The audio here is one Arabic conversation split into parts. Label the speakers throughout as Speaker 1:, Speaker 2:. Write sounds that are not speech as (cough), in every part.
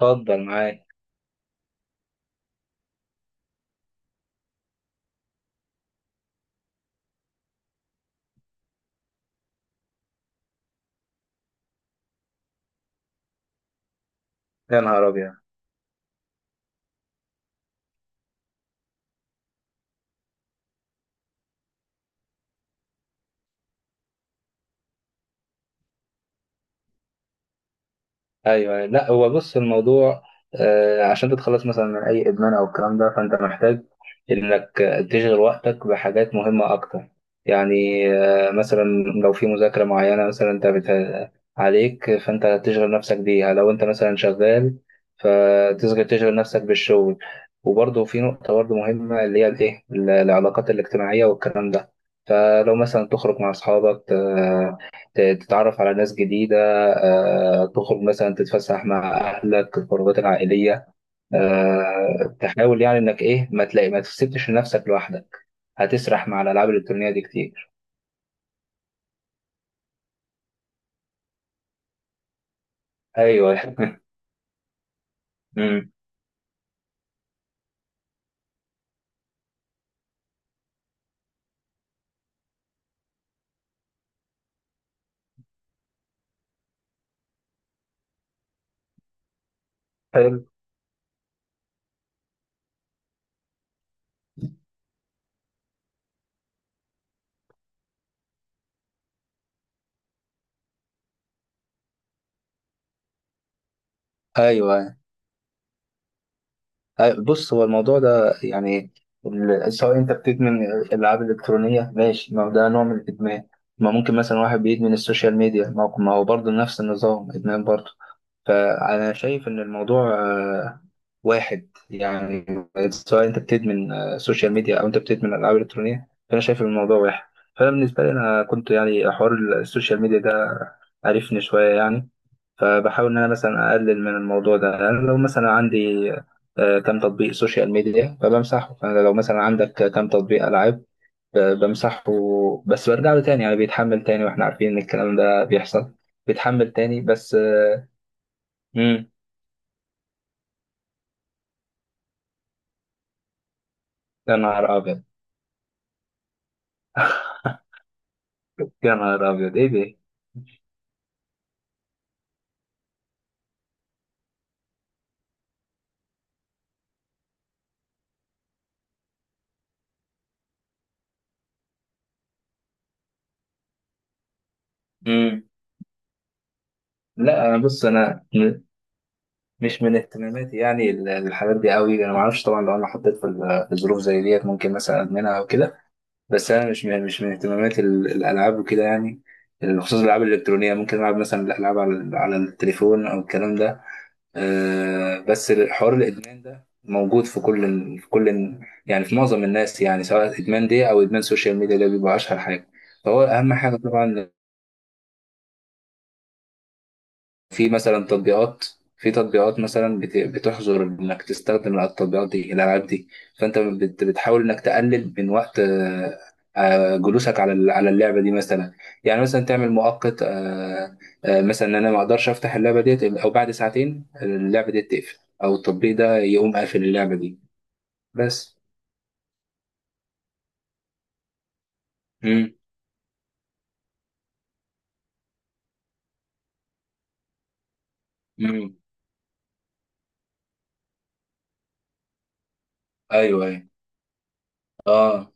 Speaker 1: اتفضل معاك. يا نهار ابيض! ايوه، أيوة. لا، هو بص الموضوع. عشان تتخلص مثلا من اي ادمان او الكلام ده فانت محتاج انك تشغل وقتك بحاجات مهمه اكتر. يعني مثلا لو في مذاكره معينه مثلا عليك فانت تشغل نفسك بيها لو انت مثلا شغال فتشغل نفسك بالشغل. وبرضه في نقطه برضه مهمه اللي هي الايه العلاقات الاجتماعيه والكلام ده. فلو مثلا تخرج مع اصحابك تتعرف على ناس جديده، تخرج مثلا تتفسح مع اهلك الخروجات العائليه، تحاول يعني انك ايه ما تلاقي، ما تسيبش نفسك لوحدك، هتسرح مع الالعاب الالكترونيه دي كتير. ايوه (laughs) أمم. حلو. ايوه، أيوة. بص هو الموضوع ده يعني سواء انت بتدمن الالعاب الالكترونيه، ماشي، ما هو ده نوع من الادمان. ما ممكن مثلا واحد بيدمن السوشيال ميديا، ما هو برضه نفس النظام، ادمان برضه. فأنا شايف إن الموضوع واحد يعني. سواء أنت بتدمن سوشيال ميديا أو أنت بتدمن ألعاب إلكترونية فأنا شايف إن الموضوع واحد. فأنا بالنسبة لي أنا كنت يعني حوار السوشيال ميديا ده عرفني شوية يعني، فبحاول إن أنا مثلا أقلل من الموضوع ده. يعني لو مثلا عندي كام تطبيق سوشيال ميديا فبمسحه، فأنا لو مثلا عندك كام تطبيق ألعاب بمسحه. بس برجع له تاني، يعني بيتحمل تاني، وإحنا عارفين إن الكلام ده بيحصل، بيتحمل تاني بس. مم. يا نهار أبيض! (laughs) يا نهار أبيض! إيه ده؟ مم. لا، أنا بص، مش من اهتماماتي، يعني الحاجات دي قوي. أنا ما أعرفش طبعا، لو أنا حطيت في ظروف زي ديت ممكن مثلا أدمنها أو كده. بس أنا مش من اهتماماتي الألعاب وكده يعني. بخصوص الألعاب الإلكترونية ممكن ألعب مثلا الألعاب على التليفون أو الكلام ده. أه بس حوار الإدمان ده موجود في كل يعني في معظم الناس، يعني سواء إدمان دي أو إدمان سوشيال ميديا، ده بيبقى أشهر حاجة، فهو أهم حاجة طبعا. في مثلا تطبيقات، في تطبيقات مثلا بتحظر انك تستخدم التطبيقات دي، الالعاب دي، فانت بتحاول انك تقلل من وقت جلوسك على اللعبه دي مثلا. يعني مثلا تعمل مؤقت مثلا ان انا ما اقدرش افتح اللعبه ديت او بعد ساعتين اللعبه دي تقفل او التطبيق ده يقوم قافل اللعبه دي بس. امم، امم. ايوه، ايوه. اه.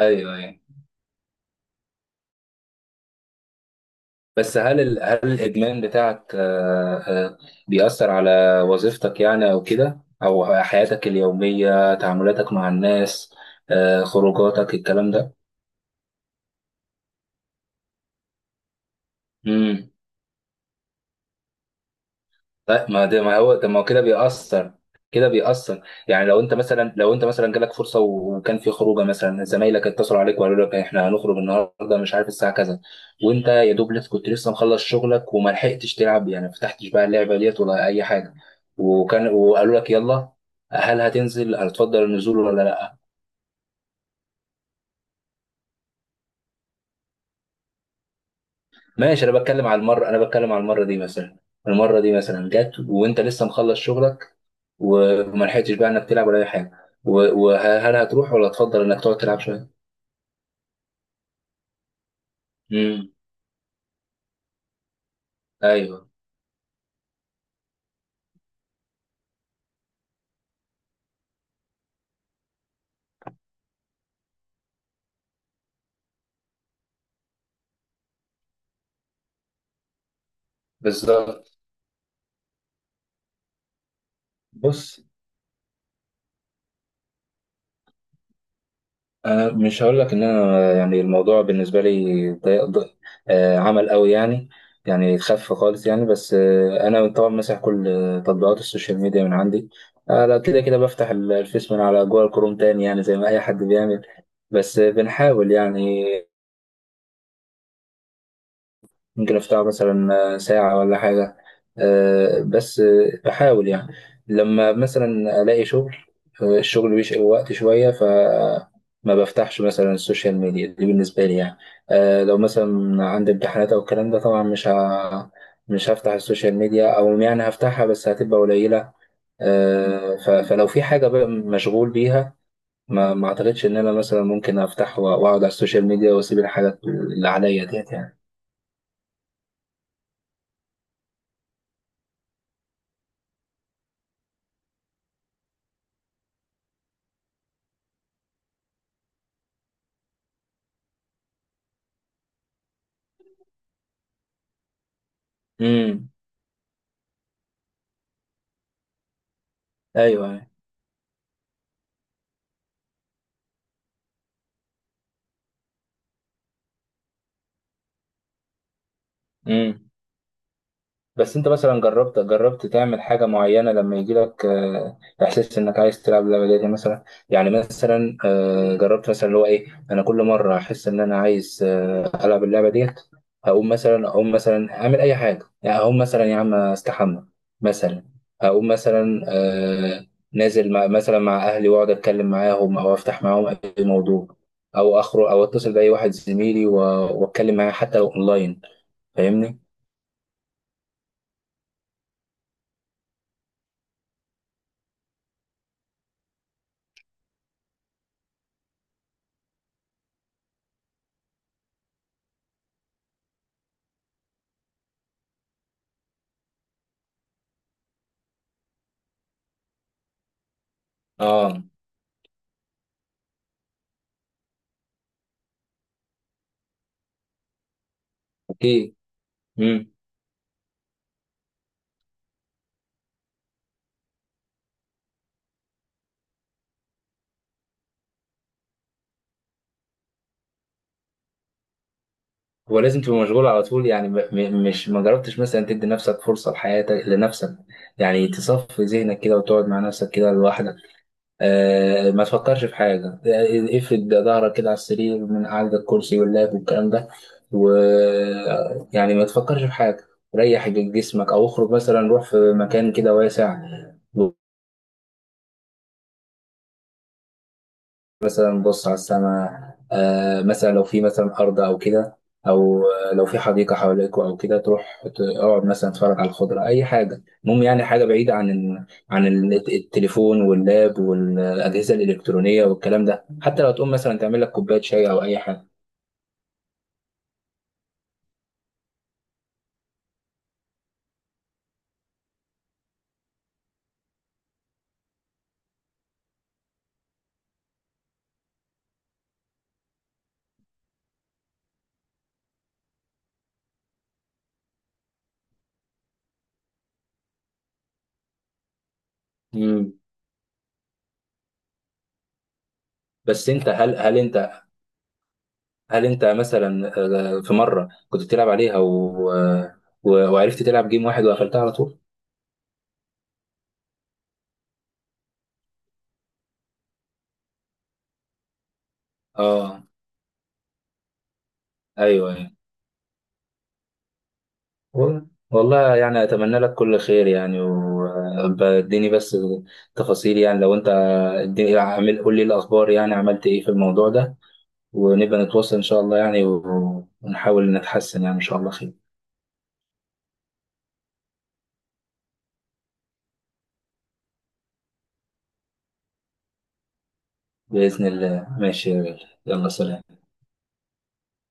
Speaker 1: ايوه، ايوه. بس هل الادمان بتاعك بيأثر على وظيفتك، يعني او كده، او حياتك اليومية، تعاملاتك مع الناس، خروجاتك، الكلام ده؟ مم. لا، ما ده، ما هو ده، ما هو كده بيأثر. يعني لو انت مثلا جالك فرصه وكان في خروجه مثلا، زمايلك اتصلوا عليك وقالوا لك احنا هنخرج النهارده مش عارف الساعه كذا، وانت يا دوب لسه كنت لسه مخلص شغلك وما لحقتش تلعب، يعني ما فتحتش بقى اللعبه ديت ولا اي حاجه، وقالوا لك يلا، هل هتنزل، هتفضل النزول ولا لا؟ ماشي، انا بتكلم على المره دي مثلا. المره دي مثلا جت وانت لسه مخلص شغلك وما لحقتش بقى انك تلعب ولا اي حاجه، وهل هتروح ولا تفضل انك تقعد تلعب شويه؟ امم. ايوه بالظبط. بص، انا مش هقول لك ان انا يعني الموضوع بالنسبه لي ضيق ضيق عمل قوي يعني، يعني خف خالص يعني. بس انا طبعا مسح كل تطبيقات السوشيال ميديا من عندي. لا كده كده بفتح الفيس من على جوجل كروم تاني يعني زي ما اي حد بيعمل. بس بنحاول يعني، ممكن افتحه مثلا ساعة ولا حاجة. بس بحاول يعني لما مثلا الاقي شغل، الشغل بيشغل وقت شوية، ف ما بفتحش مثلا السوشيال ميديا دي بالنسبة لي يعني. لو مثلا عندي امتحانات او الكلام ده طبعا مش هفتح السوشيال ميديا، او يعني هفتحها بس هتبقى قليلة. فلو في حاجة بقى مشغول بيها ما اعتقدش ان انا مثلا ممكن افتح واقعد على السوشيال ميديا واسيب الحاجات اللي عليا ديت يعني. امم. ايوه، أيوه. امم. بس انت مثلا جربت تعمل حاجه معينه لما يجي لك احساس انك عايز تلعب اللعبه دي مثلا؟ يعني مثلا جربت مثلا اللي هو ايه، انا كل مره احس ان انا عايز العب اللعبه ديت، هقوم مثلا اقوم مثلا اعمل اي حاجه، يعني اقوم مثلا يا عم استحمى مثلا، اقوم مثلا نازل مع اهلي واقعد اتكلم معاهم او افتح معاهم اي موضوع، او اخرج او اتصل باي واحد زميلي واتكلم معاه حتى لو اونلاين. فاهمني؟ اه. ايه. امم. ولازم تبقى مشغول على طول يعني؟ م- م- مش ما جربتش مثلا تدي نفسك فرصة لحياتك لنفسك، يعني تصفي ذهنك كده وتقعد مع نفسك كده لوحدك، ما تفكرش في حاجة، افرد ظهرك كده على السرير من قعدة الكرسي واللاب والكلام ده، و يعني ما تفكرش في حاجة، ريح جسمك، او اخرج مثلا روح في مكان كده واسع، نبص على السماء، مثلا لو في مثلا أرض أو كده، أو لو في حديقة حواليكوا أو كده تروح تقعد مثلا تتفرج على الخضرة، أي حاجة المهم يعني حاجة بعيدة عن التليفون واللاب والأجهزة الإلكترونية والكلام ده، حتى لو تقوم مثلا تعمل لك كوباية شاي أو أي حاجة. مم. بس أنت، هل أنت مثلا في مرة كنت بتلعب عليها وعرفت تلعب جيم واحد وقفلتها على طول؟ آه، أيوه، أيوه. والله يعني أتمنى لك كل خير، يعني واديني بس تفاصيل، يعني لو أنت اديني، قول لي الأخبار، يعني عملت إيه في الموضوع ده، ونبقى نتواصل إن شاء الله، يعني ونحاول نتحسن يعني، إن شاء الله خير. بإذن الله، ماشي يا غالي. يلا، سلام.